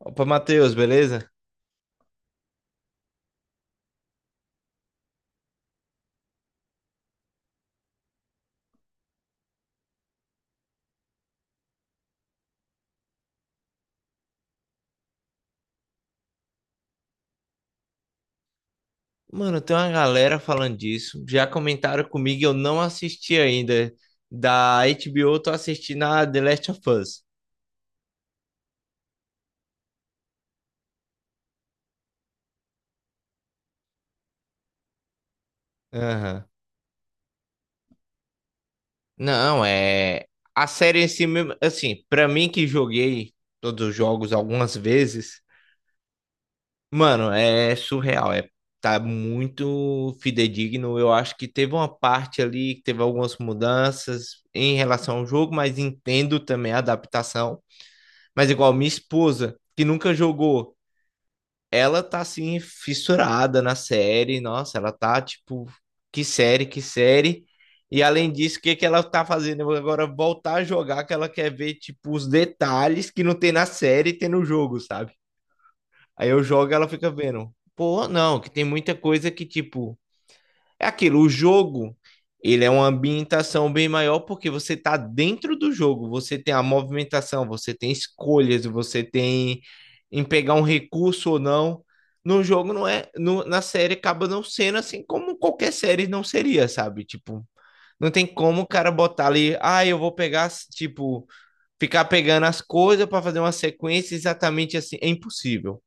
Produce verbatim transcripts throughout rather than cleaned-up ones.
Opa, Matheus, beleza? Mano, tem uma galera falando disso. Já comentaram comigo, e eu não assisti ainda. Da H B O, eu tô assistindo a The Last of Us. Aham. Não, é. A série em si mesmo, assim, pra mim que joguei todos os jogos algumas vezes, mano, é surreal. É, tá muito fidedigno. Eu acho que teve uma parte ali que teve algumas mudanças em relação ao jogo, mas entendo também a adaptação. Mas igual minha esposa, que nunca jogou, ela tá assim fissurada na série, nossa, ela tá tipo, que série, que série. E além disso, o que que ela tá fazendo agora? Voltar a jogar, que ela quer ver tipo os detalhes que não tem na série e tem no jogo, sabe? Aí eu jogo, e ela fica vendo. Pô, não, que tem muita coisa que tipo é aquilo, o jogo, ele é uma ambientação bem maior porque você está dentro do jogo, você tem a movimentação, você tem escolhas, você tem em pegar um recurso ou não. No jogo não é, no- na série acaba não sendo assim, como qualquer série não seria, sabe? Tipo, não tem como o cara botar ali, ah, eu vou pegar, as- tipo, ficar pegando as coisas para fazer uma sequência exatamente assim, é impossível,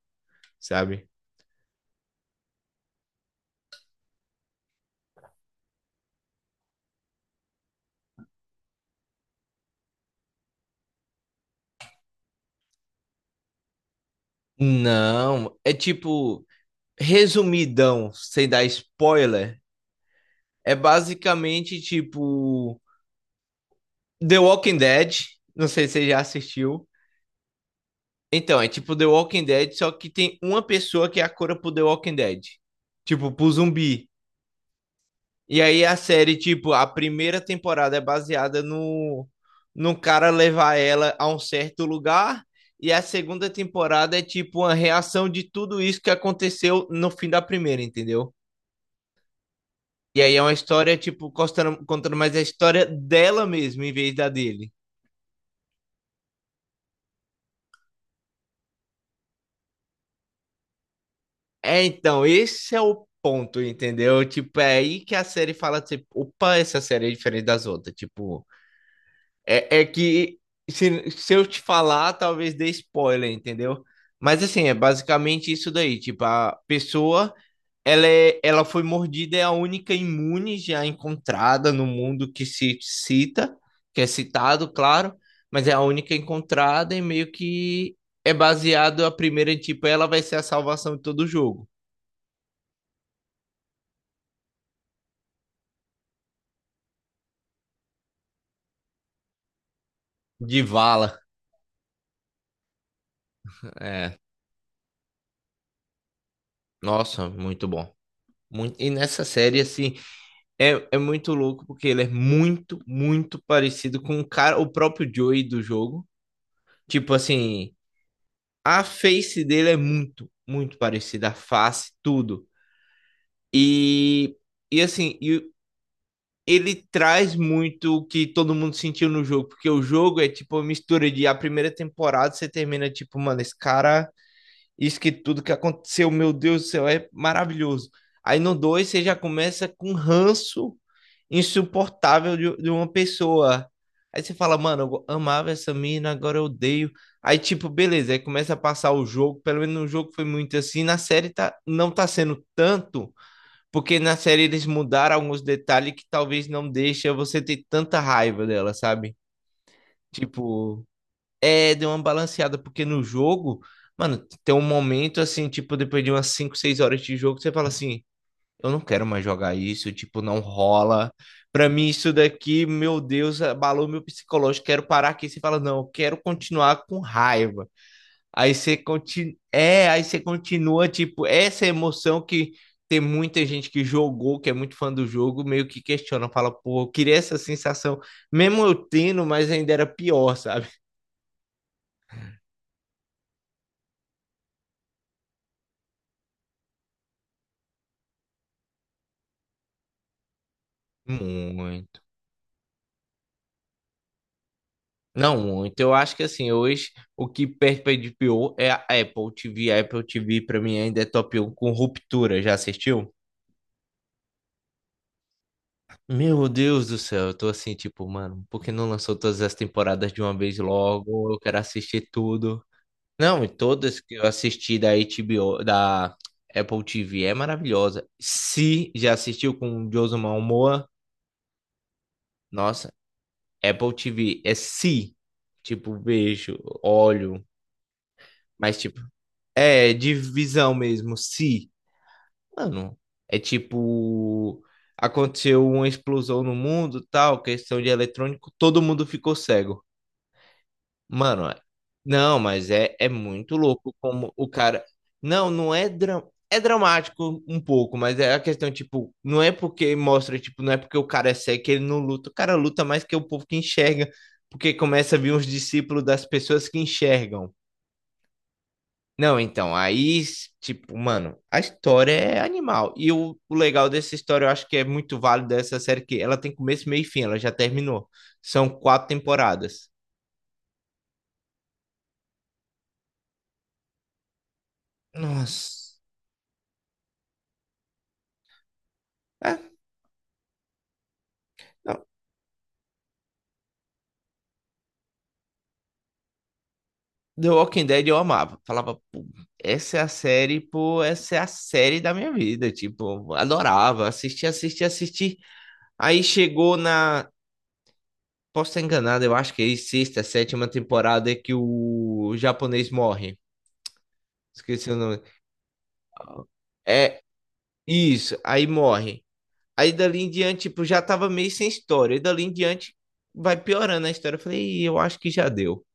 sabe? Não, é tipo, resumidão, sem dar spoiler, é basicamente tipo The Walking Dead. Não sei se você já assistiu. Então, é tipo The Walking Dead, só que tem uma pessoa que é a cura pro The Walking Dead. Tipo, pro zumbi. E aí a série, tipo, a primeira temporada é baseada no, no cara levar ela a um certo lugar. E a segunda temporada é tipo uma reação de tudo isso que aconteceu no fim da primeira, entendeu? E aí é uma história, tipo, costando- contando mais a história dela mesmo, em vez da dele. É, então, esse é o ponto, entendeu? Tipo, é aí que a série fala, tipo, opa, essa série é diferente das outras. Tipo, é, é que se, se eu te falar, talvez dê spoiler, entendeu? Mas assim, é basicamente isso daí. Tipo, a pessoa, Ela, é, ela foi mordida, é a única imune já encontrada no mundo que se cita, que é citado, claro, mas é a única encontrada e meio que é baseado a primeira, tipo, ela vai ser a salvação de todo o jogo. De Vala. É, nossa, muito bom. Muito- e nessa série, assim, é, é muito louco porque ele é muito, muito parecido com o cara, o próprio Joey do jogo. Tipo assim, a face dele é muito, muito parecida, a face, tudo. E, e assim, e ele traz muito o que todo mundo sentiu no jogo, porque o jogo é tipo uma mistura de a primeira temporada você termina tipo, mano, esse cara, isso que tudo que aconteceu, meu Deus do céu, é maravilhoso. Aí no dois você já começa com um ranço insuportável de, de uma pessoa. Aí você fala, mano, eu amava essa mina, agora eu odeio. Aí tipo, beleza, aí começa a passar o jogo, pelo menos no jogo foi muito assim, na série tá, não tá sendo tanto, porque na série eles mudaram alguns detalhes que talvez não deixa você ter tanta raiva dela, sabe? Tipo, é, deu uma balanceada, porque no jogo, mano, tem um momento assim, tipo, depois de umas cinco, seis horas de jogo, você fala assim, eu não quero mais jogar isso, tipo, não rola. Pra mim, isso daqui, meu Deus, abalou meu psicológico, quero parar aqui. Você fala, não, eu quero continuar com raiva. Aí você continua, é, aí você continua, tipo, essa emoção que tem muita gente que jogou, que é muito fã do jogo, meio que questiona, fala, pô, eu queria essa sensação, mesmo eu tendo, mas ainda era pior, sabe? Muito. Não, muito. Eu acho que assim, hoje o que perde pra H B O é a Apple T V. A Apple T V pra mim ainda é top um com Ruptura. Já assistiu? Meu Deus do céu, eu tô assim, tipo, mano, por que não lançou todas as temporadas de uma vez logo? Eu quero assistir tudo. Não, e todas que eu assisti da H B O, da Apple T V é maravilhosa. Se já assistiu com o Jason Momoa, nossa, Apple T V é se, tipo, beijo, olho, mas tipo, é de visão mesmo, se. Mano, é tipo, aconteceu uma explosão no mundo, tal, questão de eletrônico, todo mundo ficou cego. Mano, é- não, mas é, é muito louco como o cara. Não, não é. Dra... é dramático um pouco, mas é a questão, tipo, não é porque mostra, tipo, não é porque o cara é cego que ele não luta. O cara luta mais que o povo que enxerga, porque começa a vir os discípulos das pessoas que enxergam. Não, então, aí, s- tipo, mano, a história é animal. E o, o legal dessa história, eu acho que é muito válido dessa série, que ela tem começo, meio e fim, ela já terminou. São quatro temporadas. Nossa. É, não. The Walking Dead eu amava. Falava, pô, essa é a série, pô, essa é a série da minha vida. Tipo, adorava. Assisti, assisti, assisti. Aí chegou na. Posso estar enganado, eu acho que é sexta, sétima temporada que o japonês morre. Esqueci o nome. É isso, aí morre. Aí dali em diante, tipo, já tava meio sem história. E dali em diante vai piorando a história. Eu falei, "Ih, eu acho que já deu.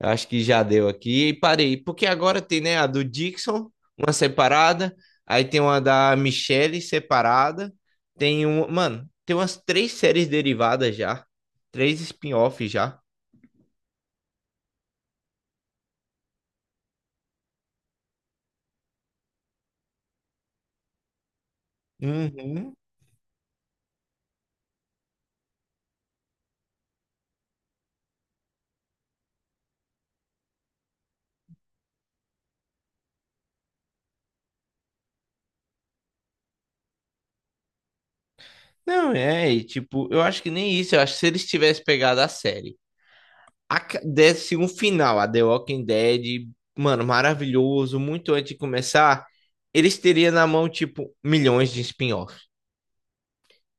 Eu acho que já deu aqui." E parei, porque agora tem, né, a do Dixon, uma separada. Aí tem uma da Michelle separada. Tem um. Mano, tem umas três séries derivadas já. Três spin-offs já. Uhum. Não, é, e, tipo, eu acho que nem isso. Eu acho que se eles tivessem pegado a série, a, ca- desse um final, a The Walking Dead, mano, maravilhoso, muito antes de começar, eles teriam na mão, tipo, milhões de spin-offs.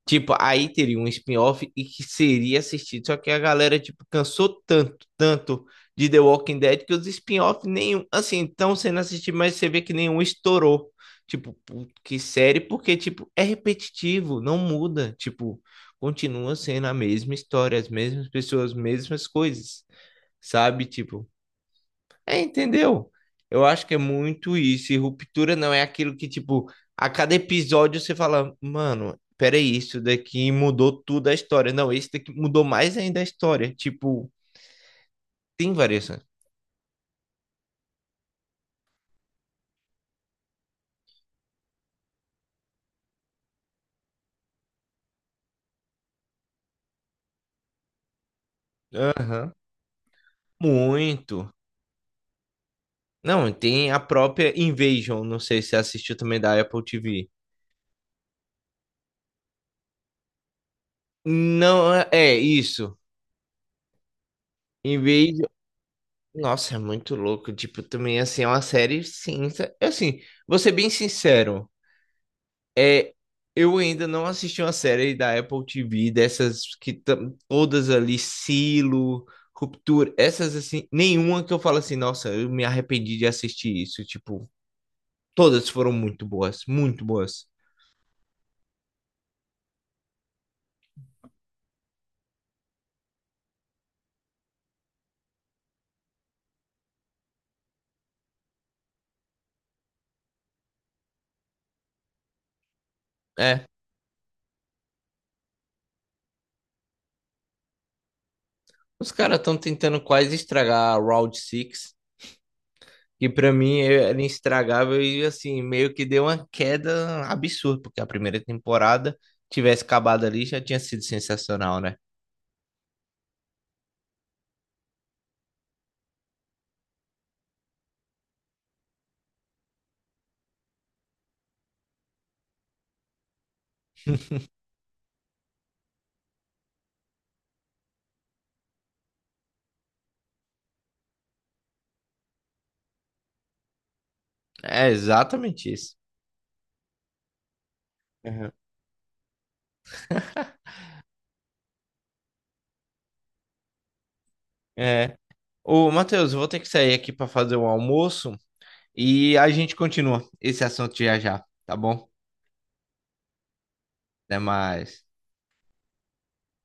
Tipo, aí teria um spin-off e que seria assistido. Só que a galera, tipo, cansou tanto, tanto de The Walking Dead, que os spin-off nenhum, assim, estão sendo assistidos, mas você vê que nenhum estourou. Tipo, pu- que série, porque, tipo, é repetitivo, não muda. Tipo, continua sendo a mesma história, as mesmas pessoas, as mesmas coisas, sabe? Tipo. É, entendeu? Eu acho que é muito isso. E Ruptura não é aquilo que, tipo, a cada episódio você fala, mano, peraí, isso daqui mudou tudo a história. Não, esse daqui mudou mais ainda a história. Tipo, tem variações. Aham. Muito. Não, tem a própria Invasion. Não sei se você assistiu também da Apple T V. Não, é é isso. Invasion. Nossa, é muito louco. Tipo, também, assim, é uma série cinza. Assim, vou ser bem sincero. É, eu ainda não assisti uma série da Apple T V, dessas que tam- todas ali, Silo, Ruptura, essas assim, nenhuma que eu falo assim, nossa, eu me arrependi de assistir isso. Tipo, todas foram muito boas, muito boas. É, os caras estão tentando quase estragar a Round Six, que pra mim é, era estragável, e assim, meio que deu uma queda absurda, porque a primeira temporada, tivesse acabado ali, já tinha sido sensacional, né? É exatamente isso. É. Ô, Matheus, eu vou ter que sair aqui para fazer um almoço e a gente continua esse assunto já já, tá bom? Até mais.